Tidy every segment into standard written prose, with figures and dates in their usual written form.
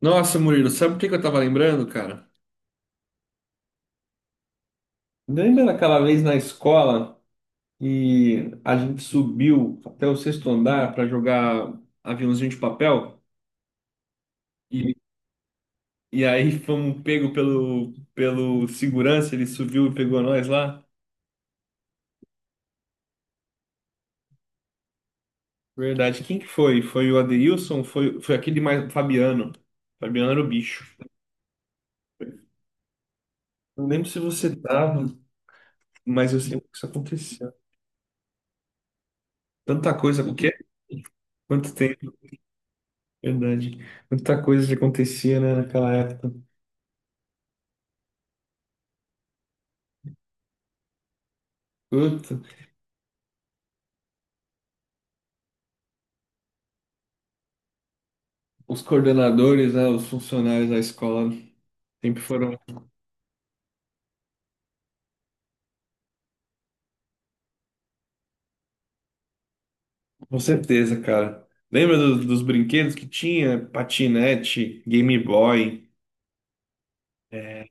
Nossa, Murilo, sabe o que que eu tava lembrando, cara? Lembra daquela vez na escola e a gente subiu até o sexto andar para jogar aviãozinho de papel? E, e aí fomos pego pelo segurança, ele subiu e pegou nós lá? Verdade. Quem que foi? Foi o Adeilson? Foi aquele mais Fabiano. Fabiano era o bicho. Não lembro se você tava, mas eu sei que isso aconteceu. Tanta coisa, o quê? Quanto tempo, verdade. Tanta coisa que acontecia, né, naquela época. Puta, os coordenadores, né, os funcionários da escola sempre foram, com certeza, cara. Lembra dos brinquedos que tinha? Patinete, Game Boy. É,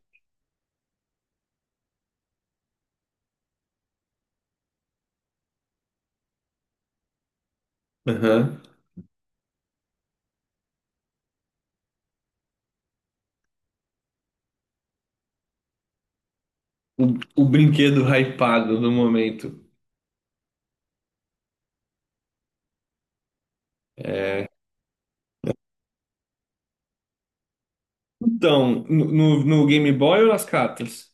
aham. O brinquedo hypado no momento. É. Então, no Game Boy ou nas cartas?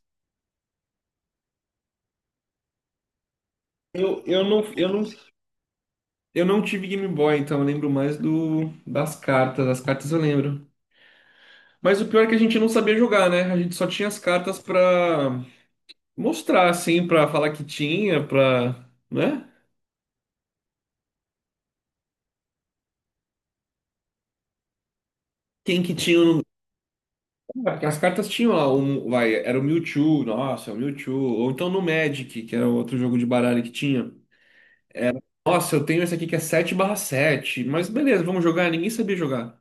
Eu, eu não, eu não, eu não tive Game Boy, então eu lembro mais do, das cartas. As cartas eu lembro. Mas o pior é que a gente não sabia jogar, né? A gente só tinha as cartas pra mostrar assim pra falar que tinha, pra, né? Quem que tinha no lugar, porque as cartas tinham lá um, vai, era o Mewtwo, nossa, é o Mewtwo, ou então no Magic, que era outro jogo de baralho que tinha. Nossa, eu tenho esse aqui que é sete barra sete mas beleza, vamos jogar, ninguém sabia jogar.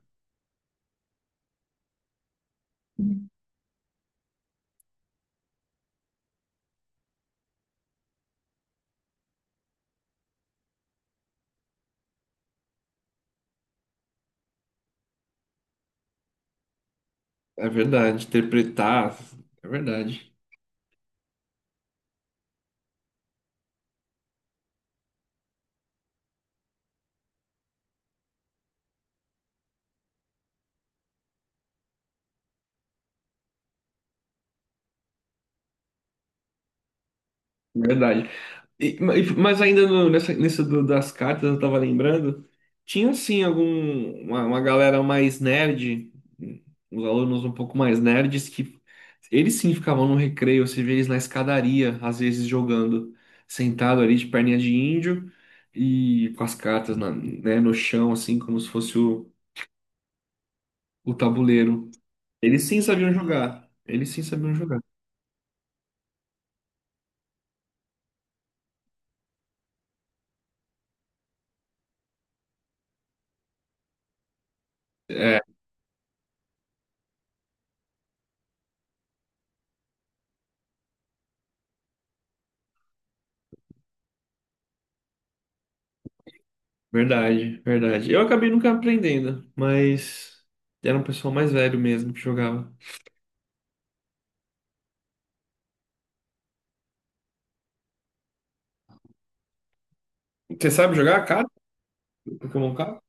É verdade, interpretar, é verdade. É verdade. E, mas ainda no- nessa, nessa do- das cartas, eu tava lembrando, tinha assim algum uma galera mais nerd, os alunos um pouco mais nerds que eles sim ficavam no recreio, você vê eles na escadaria, às vezes jogando, sentado ali de perninha de índio e com as cartas na- né, no chão, assim como se fosse o tabuleiro. Eles sim sabiam jogar. Eles sim sabiam jogar. É, verdade, verdade. Eu acabei nunca aprendendo, mas era um pessoal mais velho mesmo que jogava. Você sabe jogar carta? Pokémon carta?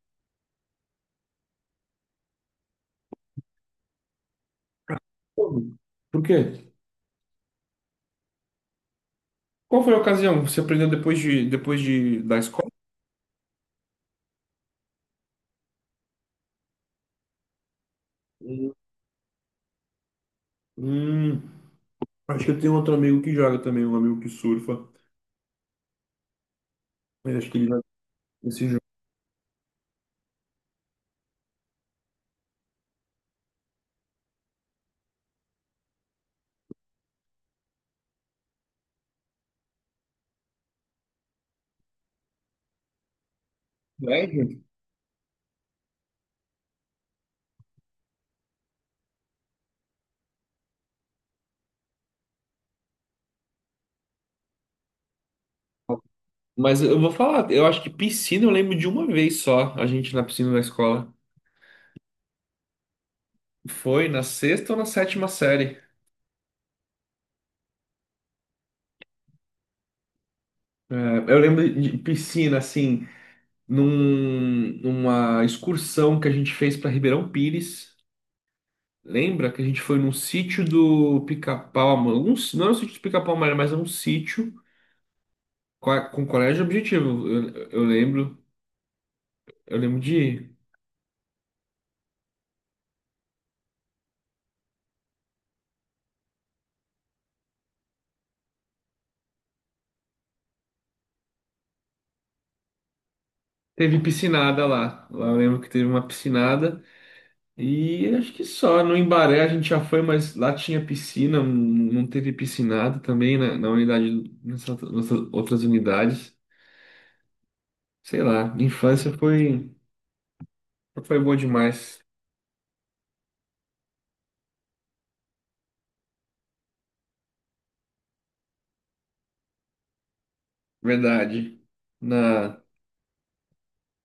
Como? Por quê? Qual foi a ocasião? Você aprendeu depois de da escola? Hum, hum, acho que eu tenho outro amigo que joga também, um amigo que surfa. Mas acho que ele vai esse jogo. É, gente. Mas eu vou falar, eu acho que piscina eu lembro de uma vez só, a gente na piscina da escola. Foi na sexta ou na sétima série. É, eu lembro de piscina, assim. Num- numa excursão que a gente fez para Ribeirão Pires. Lembra que a gente foi num sítio do Pica-Pau Amarelo? Um, s- não era um sítio do Pica-Pau Amarelo, mas era um sítio com, a- com colégio objetivo. Eu lembro, eu lembro de ir. Teve piscinada lá. Lá eu lembro que teve uma piscinada. E acho que só no Embaré a gente já foi, mas lá tinha piscina, não teve piscinada também na, na unidade, nessas outras unidades. Sei lá, infância foi, foi boa demais. Verdade. Na...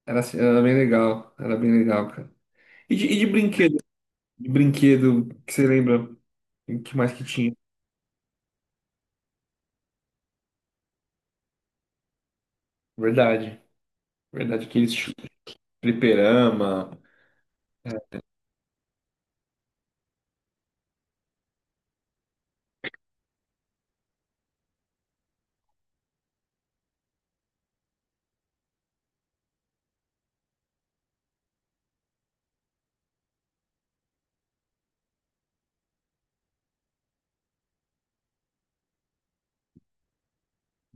Era, assim- era bem legal. Era bem legal, cara. E de brinquedo? De brinquedo, que você lembra? O que mais que tinha? Verdade. Verdade. Aqueles chu- fliperama, é,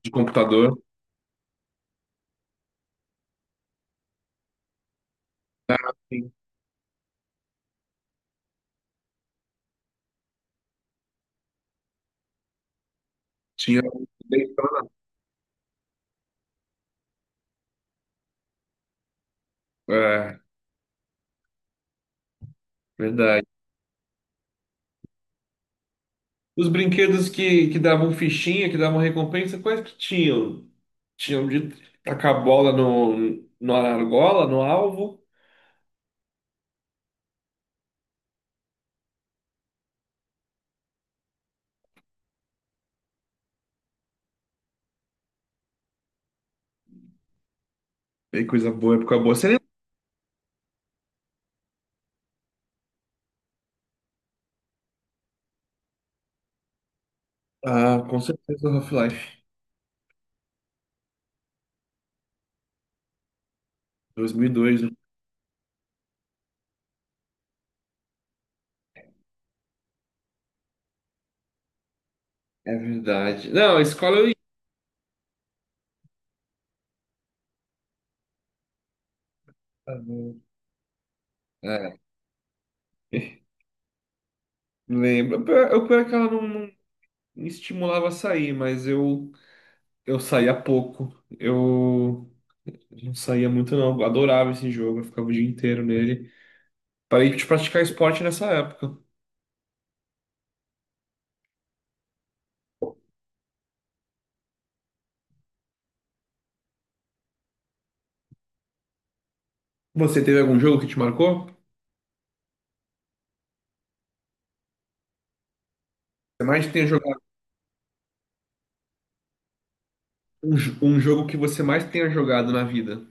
de computador. Sim. Tinha. É, verdade. Os brinquedos que davam fichinha, que davam recompensa, quais que tinham? Tinham de tacar a bola no, no argola, no alvo. Que coisa boa, época boa. Você lembra? Ah, com certeza Half-Life. 2002, né? É verdade. Não, a escola eu ia. Né? É, lembro. Pior- Eu pior é que ela não me estimulava a sair, mas eu saía pouco. Eu não saía muito, não. Eu adorava esse jogo, eu ficava o dia inteiro nele. Parei de praticar esporte nessa época. Você teve algum jogo que te marcou? Você mais tenha jogado um, jo- um jogo que você mais tenha jogado na vida?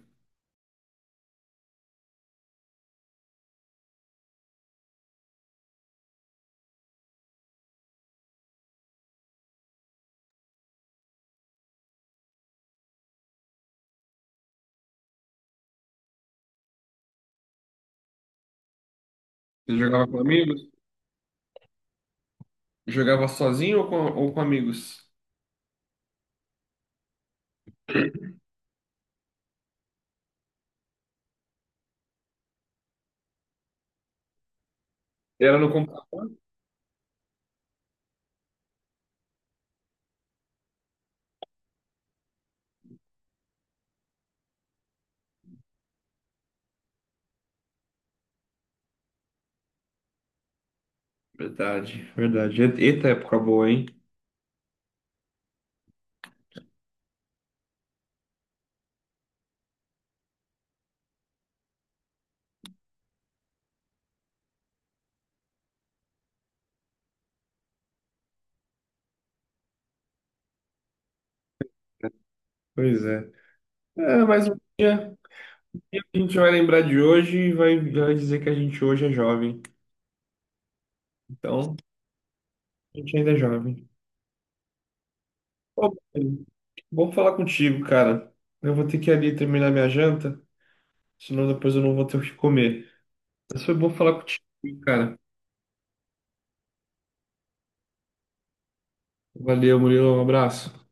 Você jogava com amigos? Jogava sozinho ou com amigos? Era no computador. Verdade, verdade. E- eita época boa, hein? Pois é. É, mas um dia a gente vai lembrar de hoje e vai dizer que a gente hoje é jovem. Então, a gente ainda é jovem. Ô, Bruno, bom falar contigo, cara. Eu vou ter que ir ali terminar minha janta, senão depois eu não vou ter o que comer. Mas foi bom falar contigo, cara. Valeu, Murilo. Um abraço.